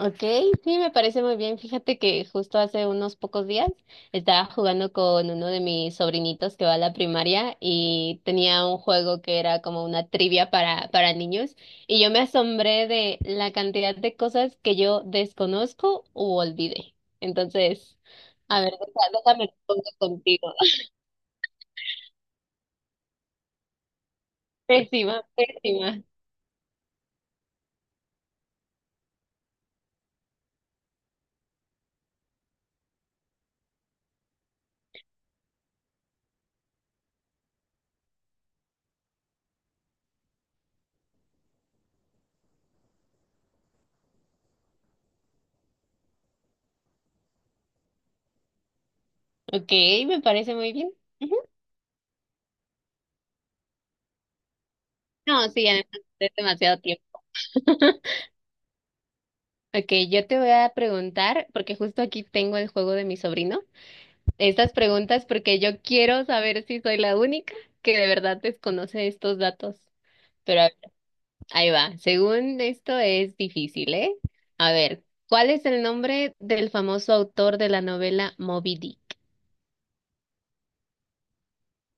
Ok, sí, me parece muy bien. Fíjate que justo hace unos pocos días estaba jugando con uno de mis sobrinitos que va a la primaria y tenía un juego que era como una trivia para niños y yo me asombré de la cantidad de cosas que yo desconozco u olvidé. Entonces, a ver, déjame responder contigo. Pésima, pésima. Ok, me parece muy bien. Ujú. No, sí, además es demasiado tiempo. Ok, yo te voy a preguntar, porque justo aquí tengo el juego de mi sobrino, estas preguntas porque yo quiero saber si soy la única que de verdad desconoce estos datos. Pero a ver, ahí va, según esto es difícil, ¿eh? A ver, ¿cuál es el nombre del famoso autor de la novela Moby Dick?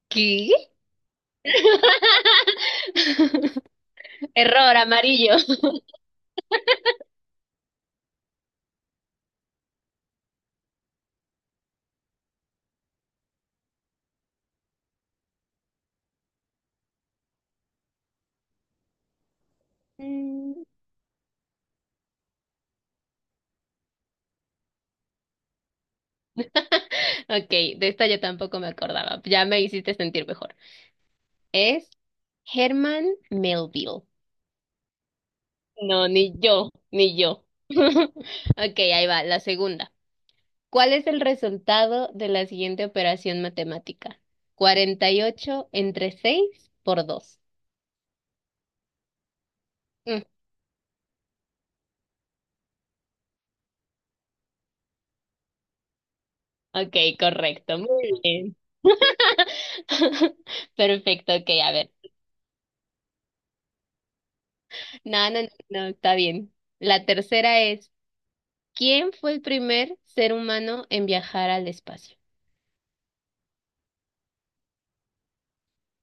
¿Qué? Error amarillo. Mm, Ok, de esta yo tampoco me acordaba, ya me hiciste sentir mejor. Es Herman Melville. No, ni yo, ni yo. Ok, ahí va, la segunda. ¿Cuál es el resultado de la siguiente operación matemática? 48 entre 6 por 2. Mm, ok, correcto, muy bien. Perfecto, ok, a ver. No, no, no, no, está bien. La tercera es, ¿quién fue el primer ser humano en viajar al espacio?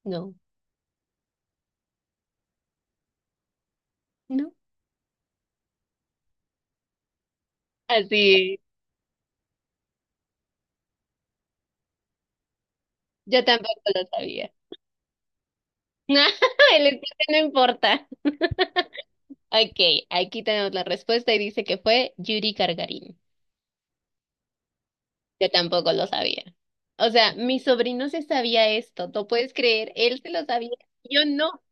No, no. Así, yo tampoco lo sabía. El espacio no importa. Ok, aquí tenemos la respuesta y dice que fue Yuri Gagarin. Yo tampoco lo sabía. O sea, mi sobrino se sabía esto, ¿tú puedes creer? Él se lo sabía, yo no,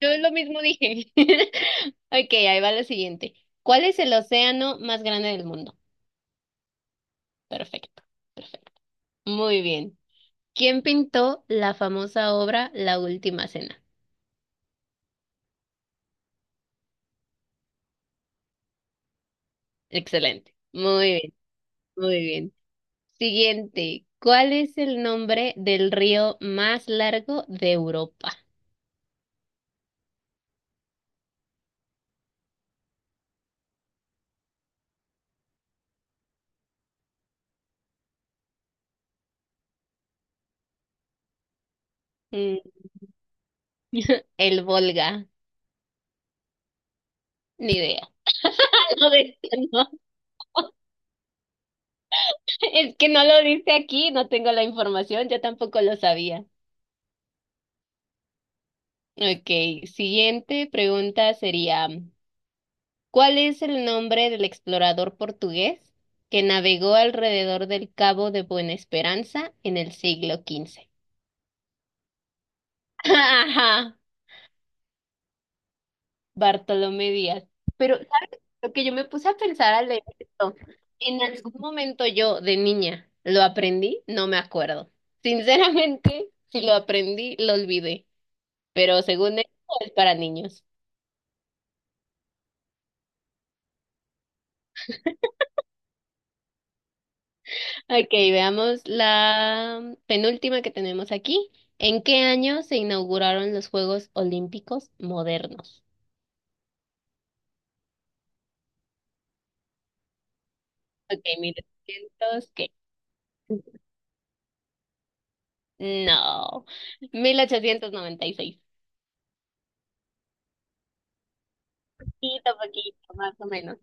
yo lo mismo dije. Ok, ahí va la siguiente. ¿Cuál es el océano más grande del mundo? Perfecto, perfecto. Muy bien. ¿Quién pintó la famosa obra La Última Cena? Excelente. Muy bien, muy bien. Siguiente. ¿Cuál es el nombre del río más largo de Europa? Mm, El Volga, ni idea. No, de- no, es que no lo dice aquí, no tengo la información, yo tampoco lo sabía. Ok, siguiente pregunta sería, ¿cuál es el nombre del explorador portugués que navegó alrededor del Cabo de Buena Esperanza en el siglo XV? Bartolomé Díaz. Pero, ¿sabes? Lo que yo me puse a pensar al leer esto, en algún momento yo de niña lo aprendí, no me acuerdo. Sinceramente, si lo aprendí, lo olvidé. Pero según esto es para niños. Ok, veamos la penúltima que tenemos aquí. ¿En qué año se inauguraron los Juegos Olímpicos modernos? Ok, mil ochocientos ¿qué? No, 1896. Poquito, a poquito, más o menos.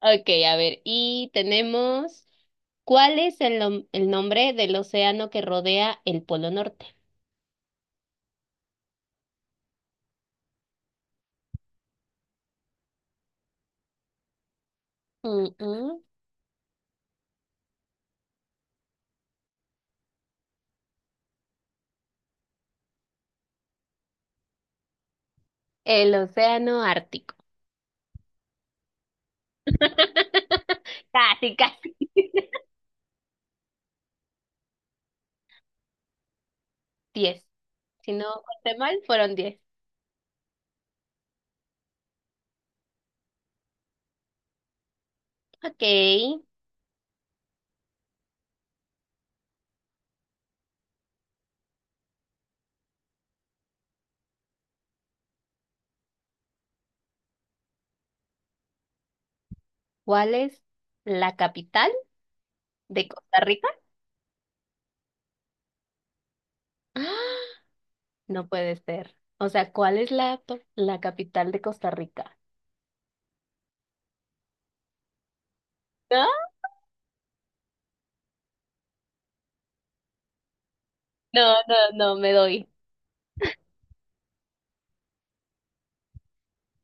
Ok, a ver, y tenemos, ¿cuál es el nombre del océano que rodea el Polo Norte? Mm, mm. El océano Ártico. Casi, casi. Diez. Si no conté mal, fueron diez. Ok. ¿Cuál es la capital de Costa Rica? ¡Ah! No puede ser. O sea, ¿cuál es la capital de Costa Rica? ¿No? No, no, no, me doy.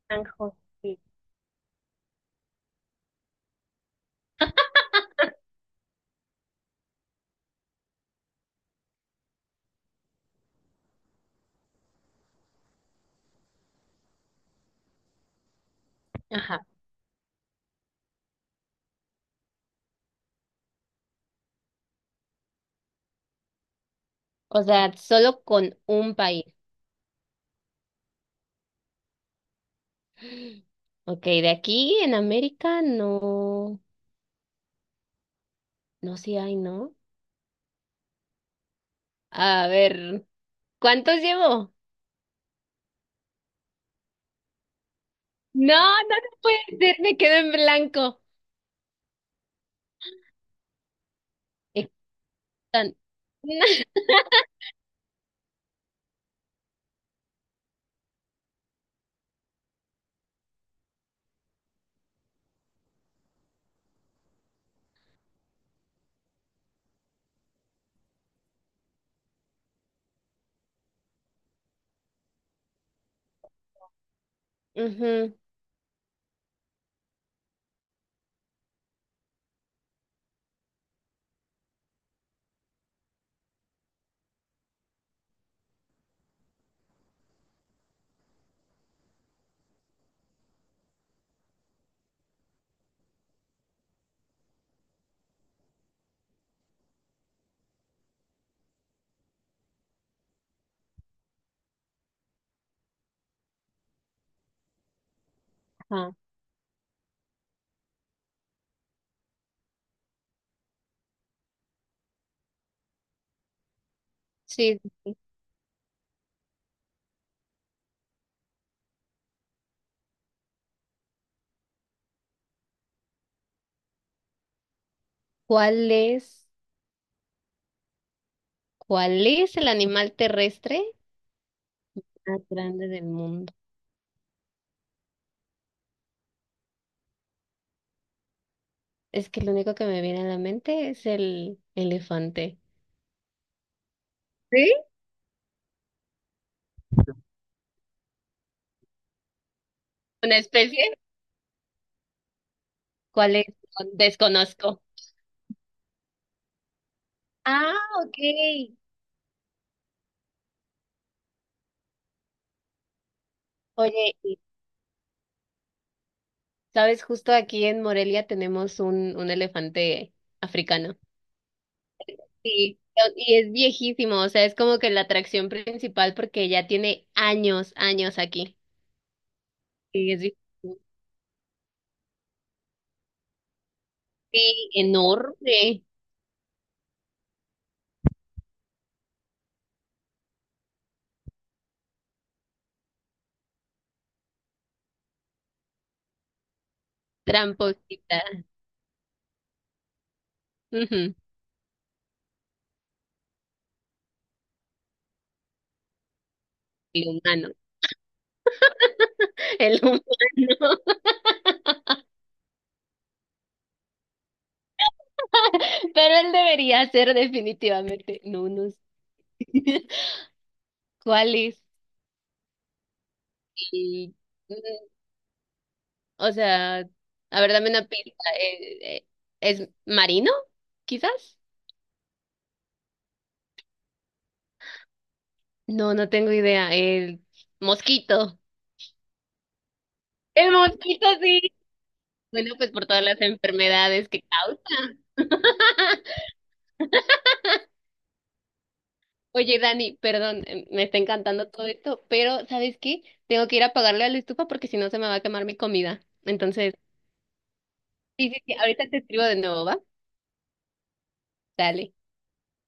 San José. Ajá. O sea, solo con un país. Ok, de aquí en América no, no, sí hay, ¿no? A ver, ¿cuántos llevo? No, no te puedes decir, me quedo en blanco. Están- Ujú, ajá, sí, sí, sí. ¿Cuál es, cuál es el animal terrestre más grande del mundo? Es que lo único que me viene a la mente es el elefante. ¿Sí? ¿Una especie? ¿Cuál es? Desconozco. Ah, ok. Oye, sabes, justo aquí en Morelia tenemos un elefante africano. Sí. Y es viejísimo, o sea, es como que la atracción principal porque ya tiene años, años aquí. Sí, es viejísimo. Sí, enorme, tramposita. Ujú, el humano, el humano. Pero él debería ser definitivamente. No, no sé. ¿Cuál es? Y, mm, o sea, a ver, dame una pista. ¿Es marino, quizás? No, no tengo idea. El mosquito. El mosquito, sí. Bueno, pues por todas las enfermedades que causa. Oye, Dani, perdón, me está encantando todo esto, pero ¿sabes qué? Tengo que ir a apagarle a la estufa porque si no se me va a quemar mi comida. Entonces, sí, sí, sí, ahorita te escribo de nuevo, ¿va? Dale.